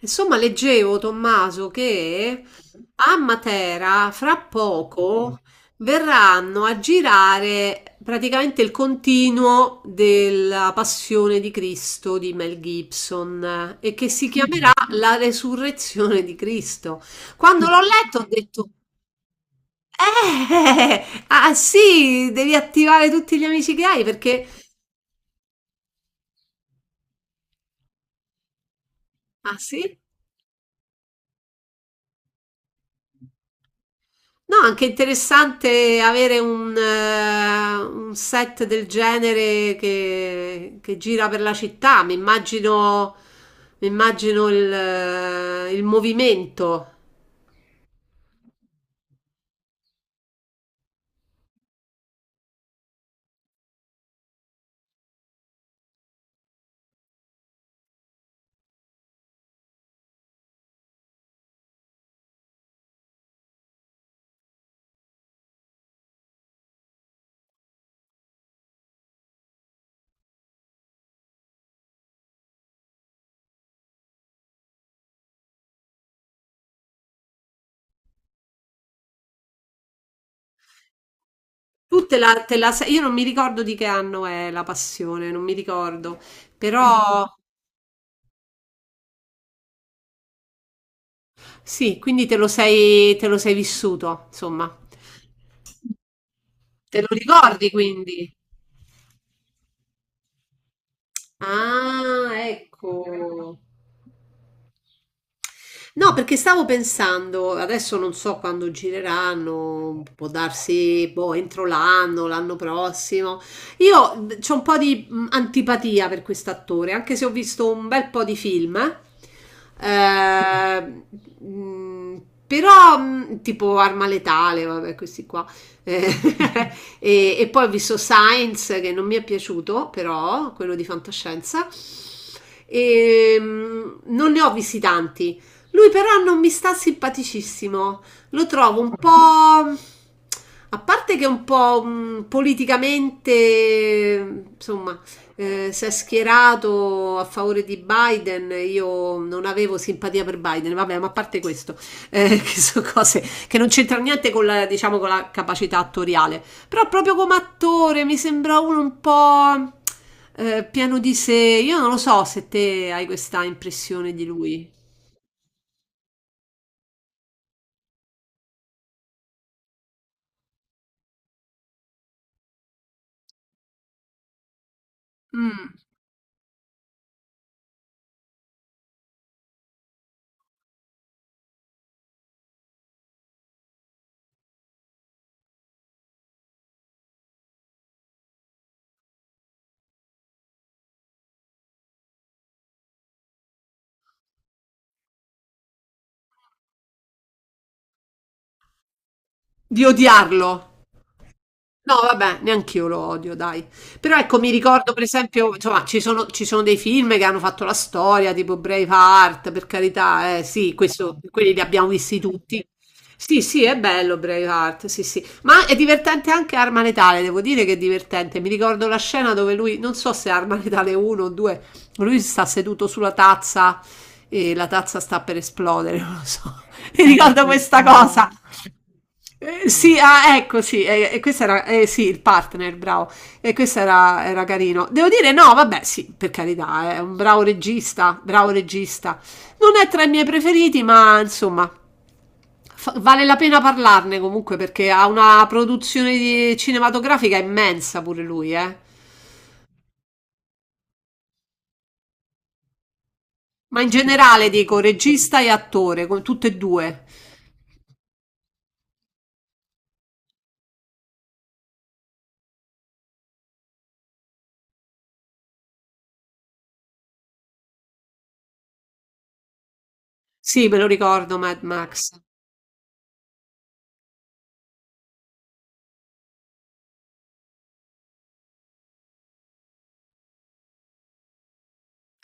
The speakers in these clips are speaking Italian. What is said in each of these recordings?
Insomma, leggevo, Tommaso, che a Matera fra poco verranno a girare praticamente il continuo della Passione di Cristo di Mel Gibson e che si chiamerà La Resurrezione di Cristo. Quando l'ho letto ho detto, ah sì, devi attivare tutti gli amici che hai perché... Ah sì? No, anche interessante avere un set del genere che gira per la città. Mi immagino il movimento. Te la sei- io non mi ricordo di che anno è La Passione, non mi ricordo. Però sì, quindi te lo sei vissuto, insomma. Te lo ricordi quindi? Ah, ecco. No, perché stavo pensando, adesso non so quando gireranno, può darsi boh, entro l'anno, l'anno prossimo. Io ho un po' di antipatia per quest'attore, anche se ho visto un bel po' di film. eh, Però, tipo Arma Letale, vabbè, questi qua. Eh, e poi ho visto Science, che non mi è piaciuto, però, quello di fantascienza. E, non ne ho visti tanti. Lui però non mi sta simpaticissimo. Lo trovo un po'. A parte che è un po' politicamente, insomma, si è schierato a favore di Biden, io non avevo simpatia per Biden, vabbè, ma a parte questo, che sono cose che non c'entrano niente con la, diciamo, con la capacità attoriale, però proprio come attore mi sembra uno un po' pieno di sé, io non lo so se te hai questa impressione di lui. Mm. Di odiarlo. No, vabbè, neanche io lo odio, dai. Però ecco, mi ricordo per esempio, insomma, ci sono dei film che hanno fatto la storia, tipo Braveheart, per carità, sì, questo, quelli li abbiamo visti tutti. Sì, sì, è bello Braveheart, sì, sì. Ma è divertente anche Arma Letale, devo dire che è divertente. Mi ricordo la scena dove lui, non so se è Arma Letale 1 o 2, lui sta seduto sulla tazza e la tazza sta per esplodere, non lo so. Mi ricordo questa cosa. Sì, ah, ecco, sì, e questo era, sì, il partner, bravo. Era carino. Devo dire, no, vabbè, sì, per carità, è un bravo regista, bravo regista. Non è tra i miei preferiti, ma insomma, fa- vale la pena parlarne comunque perché ha una produzione di- cinematografica immensa pure lui, eh. Ma in generale dico regista e attore, con tutte e due. Sì, me lo ricordo, Mad Max.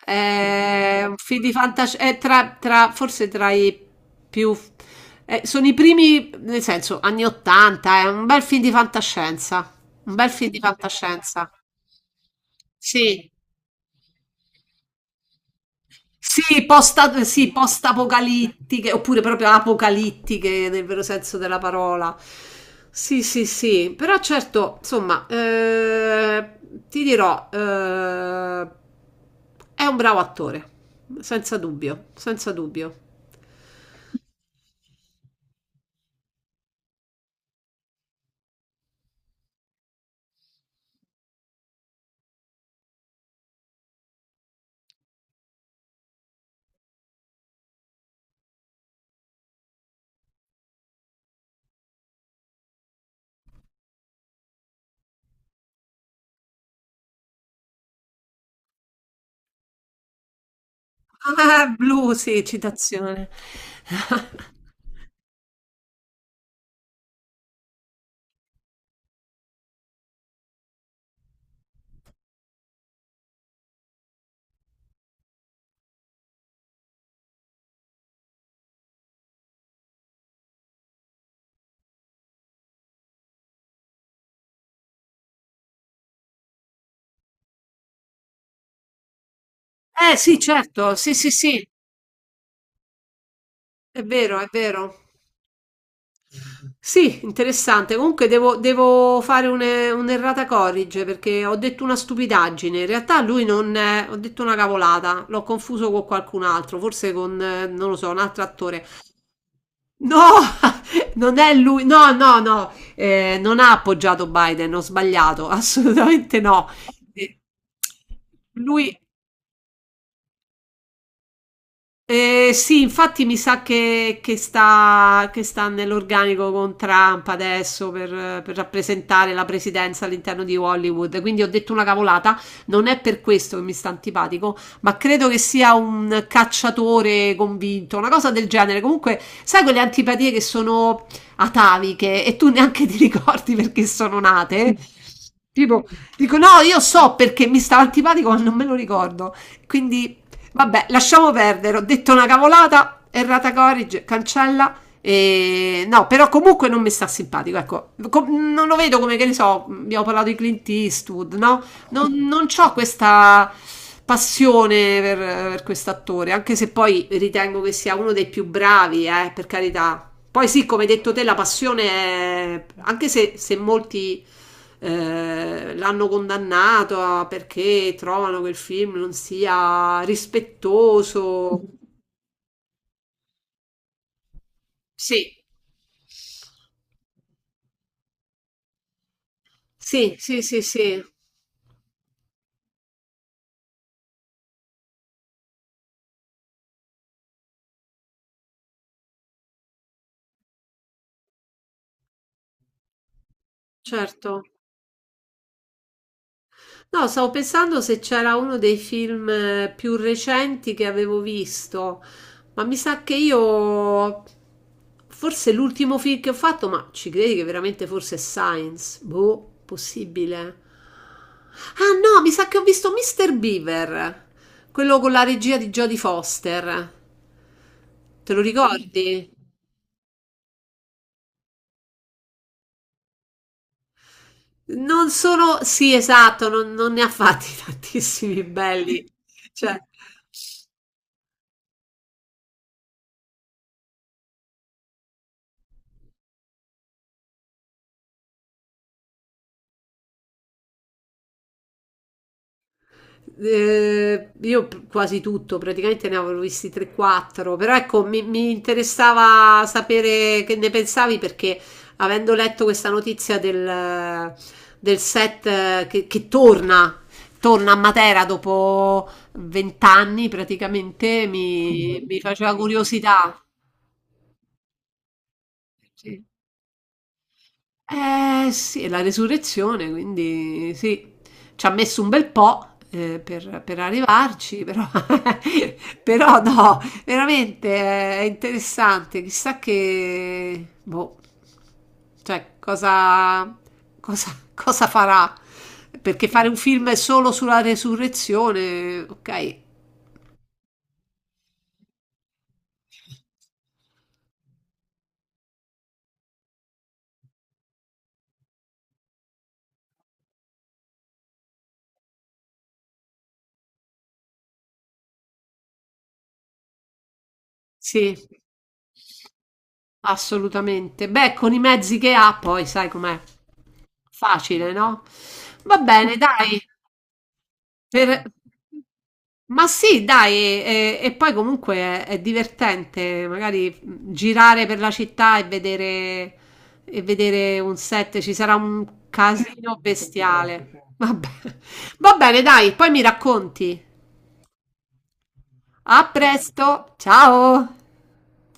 È un film di fantascienza, è tra, tra- forse tra i più... sono i primi, nel senso, anni 80, è un bel film di fantascienza, un bel film di fantascienza. Sì, sì, posta, sì, post-apocalittiche, oppure proprio apocalittiche nel vero senso della parola. Sì, sì, sì, però certo, insomma, ti dirò, è un bravo attore, senza dubbio, senza dubbio. Ah, blu, sì, citazione. Eh sì, certo, sì, sì, sì, è vero, è vero. Sì, interessante. Comunque devo fare un'errata corrige perché ho detto una stupidaggine. In realtà lui non è, ho detto una cavolata, l'ho confuso con qualcun altro, forse con, non lo so, un altro attore. No, non è lui, no, no, no, non ha appoggiato Biden, ho sbagliato, assolutamente no. Eh, lui eh, sì, infatti mi sa che sta nell'organico con Trump adesso per rappresentare la presidenza all'interno di Hollywood. Quindi ho detto una cavolata, non è per questo che mi sta antipatico, ma credo che sia un cacciatore convinto, una cosa del genere. Comunque, sai quelle antipatie che sono ataviche e tu neanche ti ricordi perché sono nate? Tipo, dico no, io so perché mi stava antipatico, ma non me lo ricordo. Quindi vabbè, lasciamo perdere, ho detto una cavolata, errata corrige, cancella. E... no, però comunque non mi sta simpatico, ecco, com- non lo vedo come che ne so, abbiamo parlato di Clint Eastwood, no? Non ho questa passione per quest'attore, anche se poi ritengo che sia uno dei più bravi, per carità, poi sì, come hai detto te, la passione, è- anche se molti l'hanno condannato a- perché trovano che il film non sia rispettoso. Sì, sì, sì, sì, sì, certo. No, stavo pensando se c'era uno dei film più recenti che avevo visto, ma mi sa che io, forse l'ultimo film che ho fatto, ma ci credi che veramente forse è Science? Boh, possibile. Ah no, mi sa che ho visto Mr. Beaver, quello con la regia di Jodie Foster. Te lo ricordi? Non sono, sì, esatto, non, non ne ha fatti tantissimi belli. Cioè, eh, io p- quasi tutto, praticamente ne avevo visti 3-4, però ecco, mi interessava sapere che ne pensavi perché avendo letto questa notizia del, del set che torna, torna a Matera dopo 20 anni praticamente, mi faceva curiosità. Sì. Eh sì, è la resurrezione, quindi sì, ci ha messo un bel po' per arrivarci, però, però no, veramente è interessante, chissà che, boh, cioè cosa, cosa, cosa farà, perché fare un film solo sulla resurrezione, ok, sì, assolutamente. Beh, con i mezzi che ha poi, sai com'è, facile, no? Va bene, dai. Per ma sì dai, e poi comunque è divertente magari, mhmm, girare per la città e vedere un set, ci sarà un casino bestiale. Vabbè. Va bene dai, poi mi racconti. A presto, ciao.